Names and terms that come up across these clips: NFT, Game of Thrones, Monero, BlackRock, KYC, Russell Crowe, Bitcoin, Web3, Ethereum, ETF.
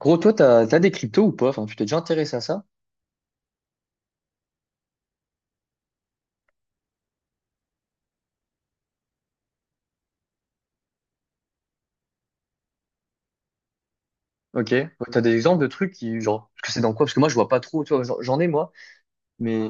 Gros, toi, t'as des cryptos ou pas? Enfin, tu t'es déjà intéressé à ça? Ok, ouais. T'as des exemples de trucs qui, genre, parce que c'est dans quoi? Parce que moi, je vois pas trop, tu vois, j'en ai, moi, mais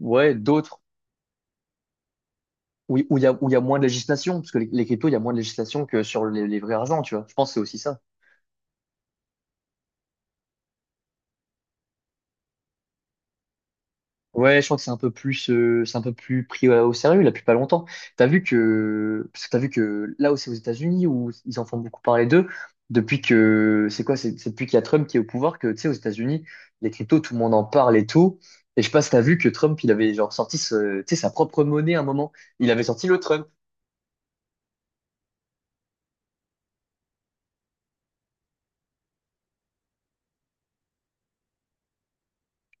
ouais, d'autres où il y a, où il y a moins de législation, parce que les cryptos, il y a moins de législation que sur les vrais argents, tu vois. Je pense que c'est aussi ça. Ouais, je crois que c'est un peu plus, c'est un peu plus pris au sérieux là depuis pas longtemps. T'as vu que, parce que t'as vu que là aussi aux États-Unis où ils en font beaucoup parler d'eux depuis que c'est quoi, c'est depuis qu'il y a Trump qui est au pouvoir que tu sais aux États-Unis les cryptos tout le monde en parle et tout. Et je sais pas si t'as vu que Trump il avait genre sorti ce, tu sais, sa propre monnaie à un moment. Il avait sorti le Trump.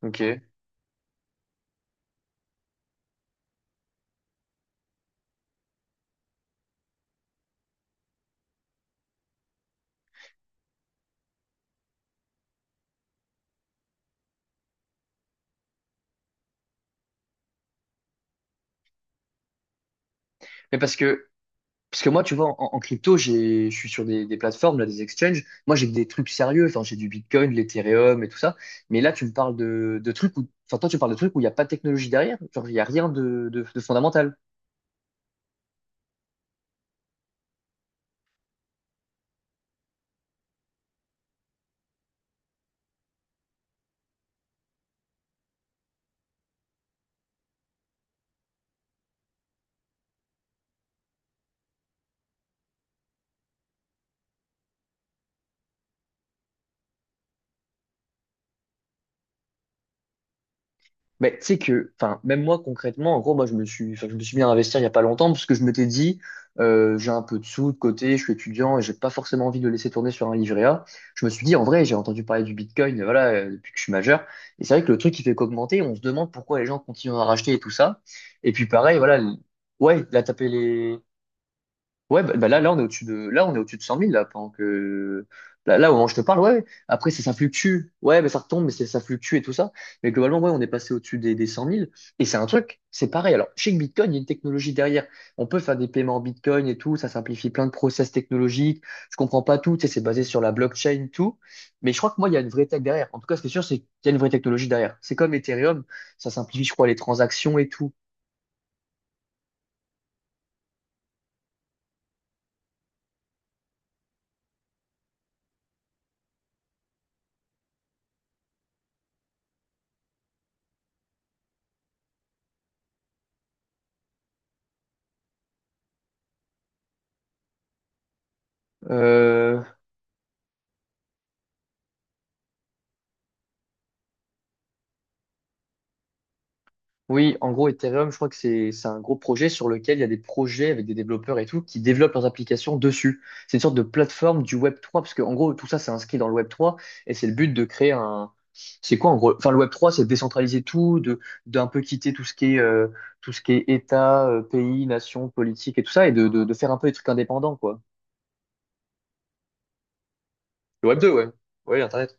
Ok. Mais parce que Parce que moi, tu vois, en, en crypto, j'ai, je suis sur des plateformes, là, des exchanges. Moi, j'ai que des trucs sérieux. Enfin, j'ai du Bitcoin, de l'Ethereum et tout ça. Mais là, tu me parles de trucs où, enfin, toi, tu parles de trucs où il n'y a pas de technologie derrière. Genre, il n'y a rien de, de fondamental. Mais tu sais que, enfin, même moi concrètement, en gros, moi je me suis, enfin, je me suis mis à investir il y a pas longtemps parce que je m'étais dit, j'ai un peu de sous de côté, je suis étudiant et j'ai pas forcément envie de le laisser tourner sur un livret A. Je me suis dit, en vrai, j'ai entendu parler du Bitcoin, voilà, depuis que je suis majeur. Et c'est vrai que le truc qui fait qu'augmenter, on se demande pourquoi les gens continuent à racheter et tout ça. Et puis pareil, voilà, ouais, il a tapé les. Ouais, bah là, là, on est au-dessus de, là, on est au-dessus de 100 000, là, pendant que, là, là, au moment où je te parle, ouais, ouais. Après, ça fluctue. Ouais, mais ça retombe, mais ça fluctue et tout ça. Mais globalement, ouais, on est passé au-dessus des 100 000. Et c'est un truc, c'est pareil. Alors, chez Bitcoin, il y a une technologie derrière. On peut faire des paiements en Bitcoin et tout. Ça simplifie plein de process technologiques. Je comprends pas tout. Tu sais, c'est basé sur la blockchain, tout. Mais je crois que moi, il y a une vraie tech derrière. En tout cas, ce qui est sûr, c'est qu'il y a une vraie technologie derrière. C'est comme Ethereum. Ça simplifie, je crois, les transactions et tout. Euh, Oui, en gros, Ethereum, je crois que c'est un gros projet sur lequel il y a des projets avec des développeurs et tout qui développent leurs applications dessus. C'est une sorte de plateforme du Web trois parce que en gros, tout ça, c'est inscrit dans le Web trois et c'est le but de créer un. C'est quoi en gros? Enfin, le Web trois c'est de décentraliser tout, de d'un peu quitter tout ce qui est tout ce qui est État, pays, nation, politique et tout ça, et de faire un peu des trucs indépendants, quoi. Le Web deux, ouais. Oui, Internet.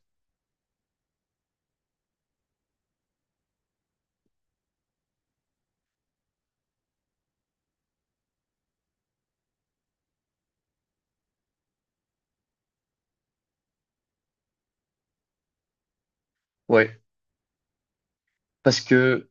Ouais. Parce que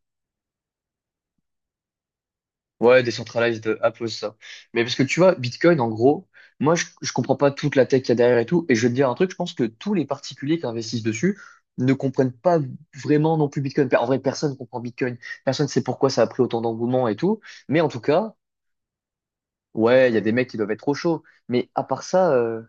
Ouais, décentralized Apple, ça. Mais parce que tu vois, Bitcoin, en gros, moi, je comprends pas toute la tech qu'il y a derrière et tout. Et je vais te dire un truc, je pense que tous les particuliers qui investissent dessus ne comprennent pas vraiment non plus Bitcoin. Enfin, en vrai, personne comprend Bitcoin. Personne sait pourquoi ça a pris autant d'engouement et tout. Mais en tout cas, ouais, il y a des mecs qui doivent être trop chauds. Mais à part ça,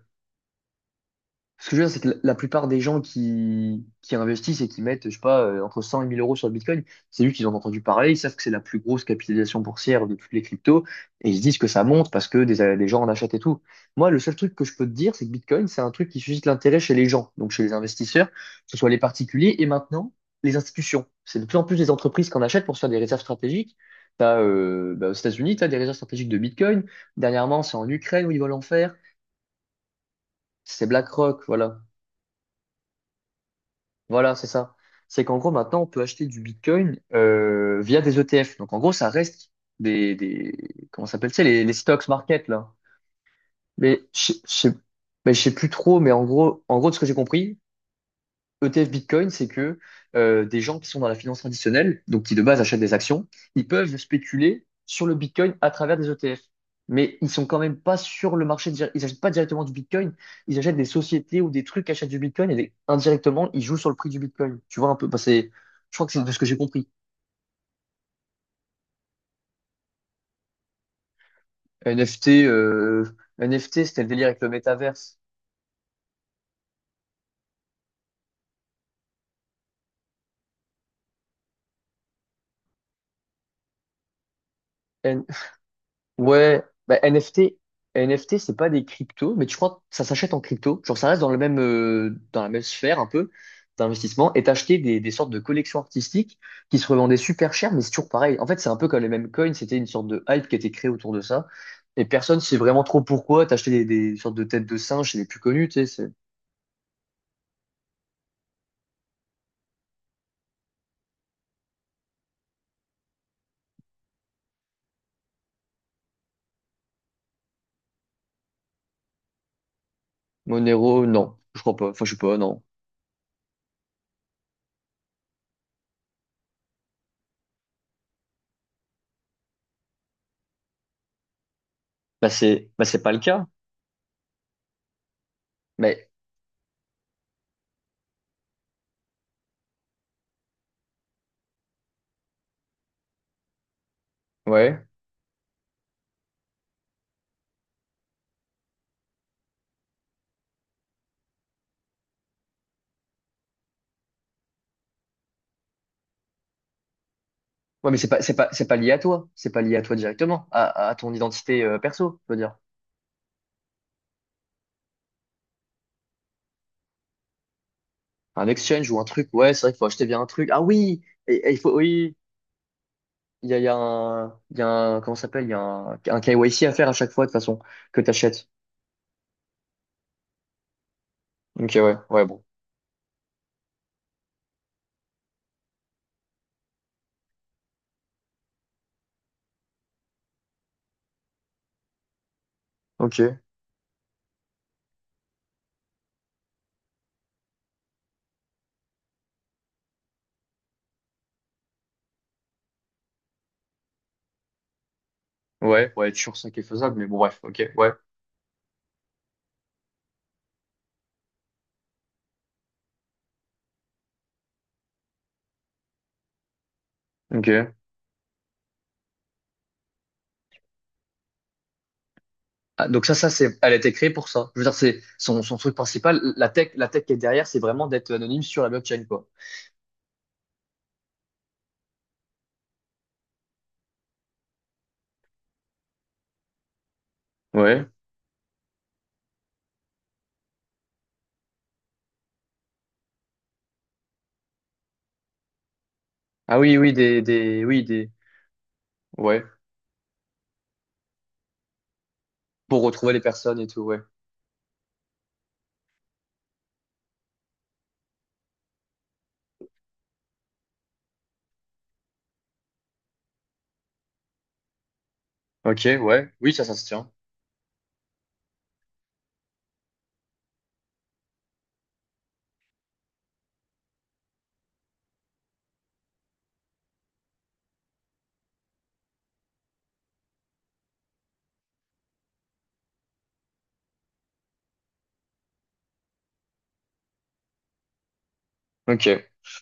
ce que je veux dire, c'est que la plupart des gens qui investissent et qui mettent, je sais pas, entre 100 et 1000 euros sur le Bitcoin, c'est juste qu'ils ont entendu parler, ils savent que c'est la plus grosse capitalisation boursière de toutes les cryptos, et ils se disent que ça monte parce que des gens en achètent et tout. Moi, le seul truc que je peux te dire, c'est que Bitcoin, c'est un truc qui suscite l'intérêt chez les gens, donc chez les investisseurs, que ce soit les particuliers et maintenant les institutions. C'est de plus en plus des entreprises qui en achètent pour se faire des réserves stratégiques. T'as, bah, aux États-Unis, tu as des réserves stratégiques de Bitcoin. Dernièrement, c'est en Ukraine où ils veulent en faire. C'est BlackRock, voilà. Voilà, c'est ça. C'est qu'en gros, maintenant, on peut acheter du Bitcoin via des ETF. Donc, en gros, ça reste des comment ça s'appelle, tu sais, les stocks market, là. Mais je je sais mais je sais plus trop, mais en gros, de ce que j'ai compris, ETF Bitcoin, c'est que des gens qui sont dans la finance traditionnelle, donc qui de base achètent des actions, ils peuvent spéculer sur le Bitcoin à travers des ETF. Mais ils sont quand même pas sur le marché, ils achètent pas directement du Bitcoin, ils achètent des sociétés ou des trucs qui achètent du Bitcoin et indirectement, ils jouent sur le prix du Bitcoin. Tu vois un peu, bah, je crois que c'est de ce que j'ai compris. NFT, NFT, c'était le délire avec le métaverse. Ouais, bah, NFT, c'est pas des cryptos, mais tu crois que ça s'achète en crypto. Genre, ça reste dans le même, dans la même sphère un peu d'investissement et t'acheter des sortes de collections artistiques qui se revendaient super cher, mais c'est toujours pareil. En fait, c'est un peu comme les mêmes coins, c'était une sorte de hype qui a été créée autour de ça. Et personne sait vraiment trop pourquoi t'acheter des sortes de têtes de singes, c'est les plus connus, tu sais, c'est. Monero, non, je crois pas. Enfin, je sais pas, non. Bah, c'est pas le cas. Mais, ouais. Ouais, mais c'est pas lié à toi. C'est pas lié à toi directement, à ton identité, perso, je veux dire. Un exchange ou un truc. Ouais, c'est vrai qu'il faut acheter via un truc. Ah oui! Et il faut, oui, il y a un, il y a un, comment ça s'appelle? Il y a un KYC à faire à chaque fois, de toute façon, que t'achètes. Ok, ouais, ouais, bon. Ok. Ouais, ouais, toujours ça qui est faisable, mais bon, bref, ok, ouais. Ok. Ah, donc ça, c'est, elle a été créée pour ça. Je veux dire, c'est son, son truc principal. La tech qui est derrière, c'est vraiment d'être anonyme sur la blockchain, quoi. Ouais. Ah oui, oui, des, oui, des, ouais. Pour retrouver les personnes et tout, ouais. Ok, ouais. Oui, ça se tient. Ok.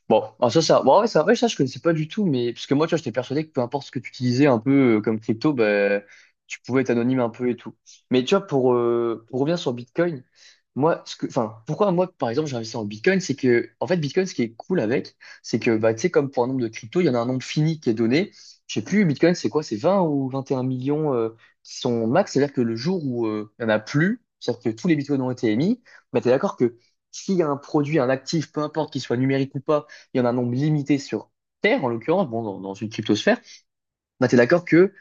Bon, alors ça, bon, ouais, ça, je connaissais pas du tout, mais parce que moi, tu vois, j'étais persuadé que peu importe ce que tu utilisais un peu comme crypto, bah, tu pouvais être anonyme un peu et tout. Mais tu vois, pour revenir sur Bitcoin, moi, ce que, enfin, pourquoi moi, par exemple, j'ai investi en Bitcoin, c'est que, en fait, Bitcoin, ce qui est cool avec, c'est que, bah, tu sais, comme pour un nombre de crypto, il y en a un nombre fini qui est donné. Je sais plus, Bitcoin, c'est quoi? C'est 20 ou 21 millions qui sont max, c'est-à-dire que le jour où il y en a plus, c'est-à-dire que tous les Bitcoins ont été émis, bah, t'es d'accord que s'il y a un produit, un actif, peu importe qu'il soit numérique ou pas, il y en a un nombre limité sur Terre, en l'occurrence, bon, dans, dans une cryptosphère, bah, tu es d'accord que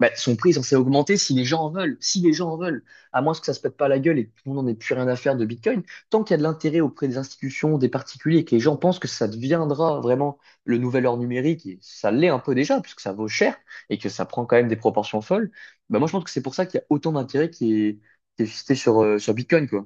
bah, son prix est censé augmenter si les gens en veulent. Si les gens en veulent, à moins que ça se pète pas la gueule et que tout le monde n'en ait plus rien à faire de Bitcoin, tant qu'il y a de l'intérêt auprès des institutions, des particuliers, et que les gens pensent que ça deviendra vraiment le nouvel or numérique, et ça l'est un peu déjà, puisque ça vaut cher et que ça prend quand même des proportions folles, bah, moi je pense que c'est pour ça qu'il y a autant d'intérêt qui est suscité sur, sur Bitcoin, quoi.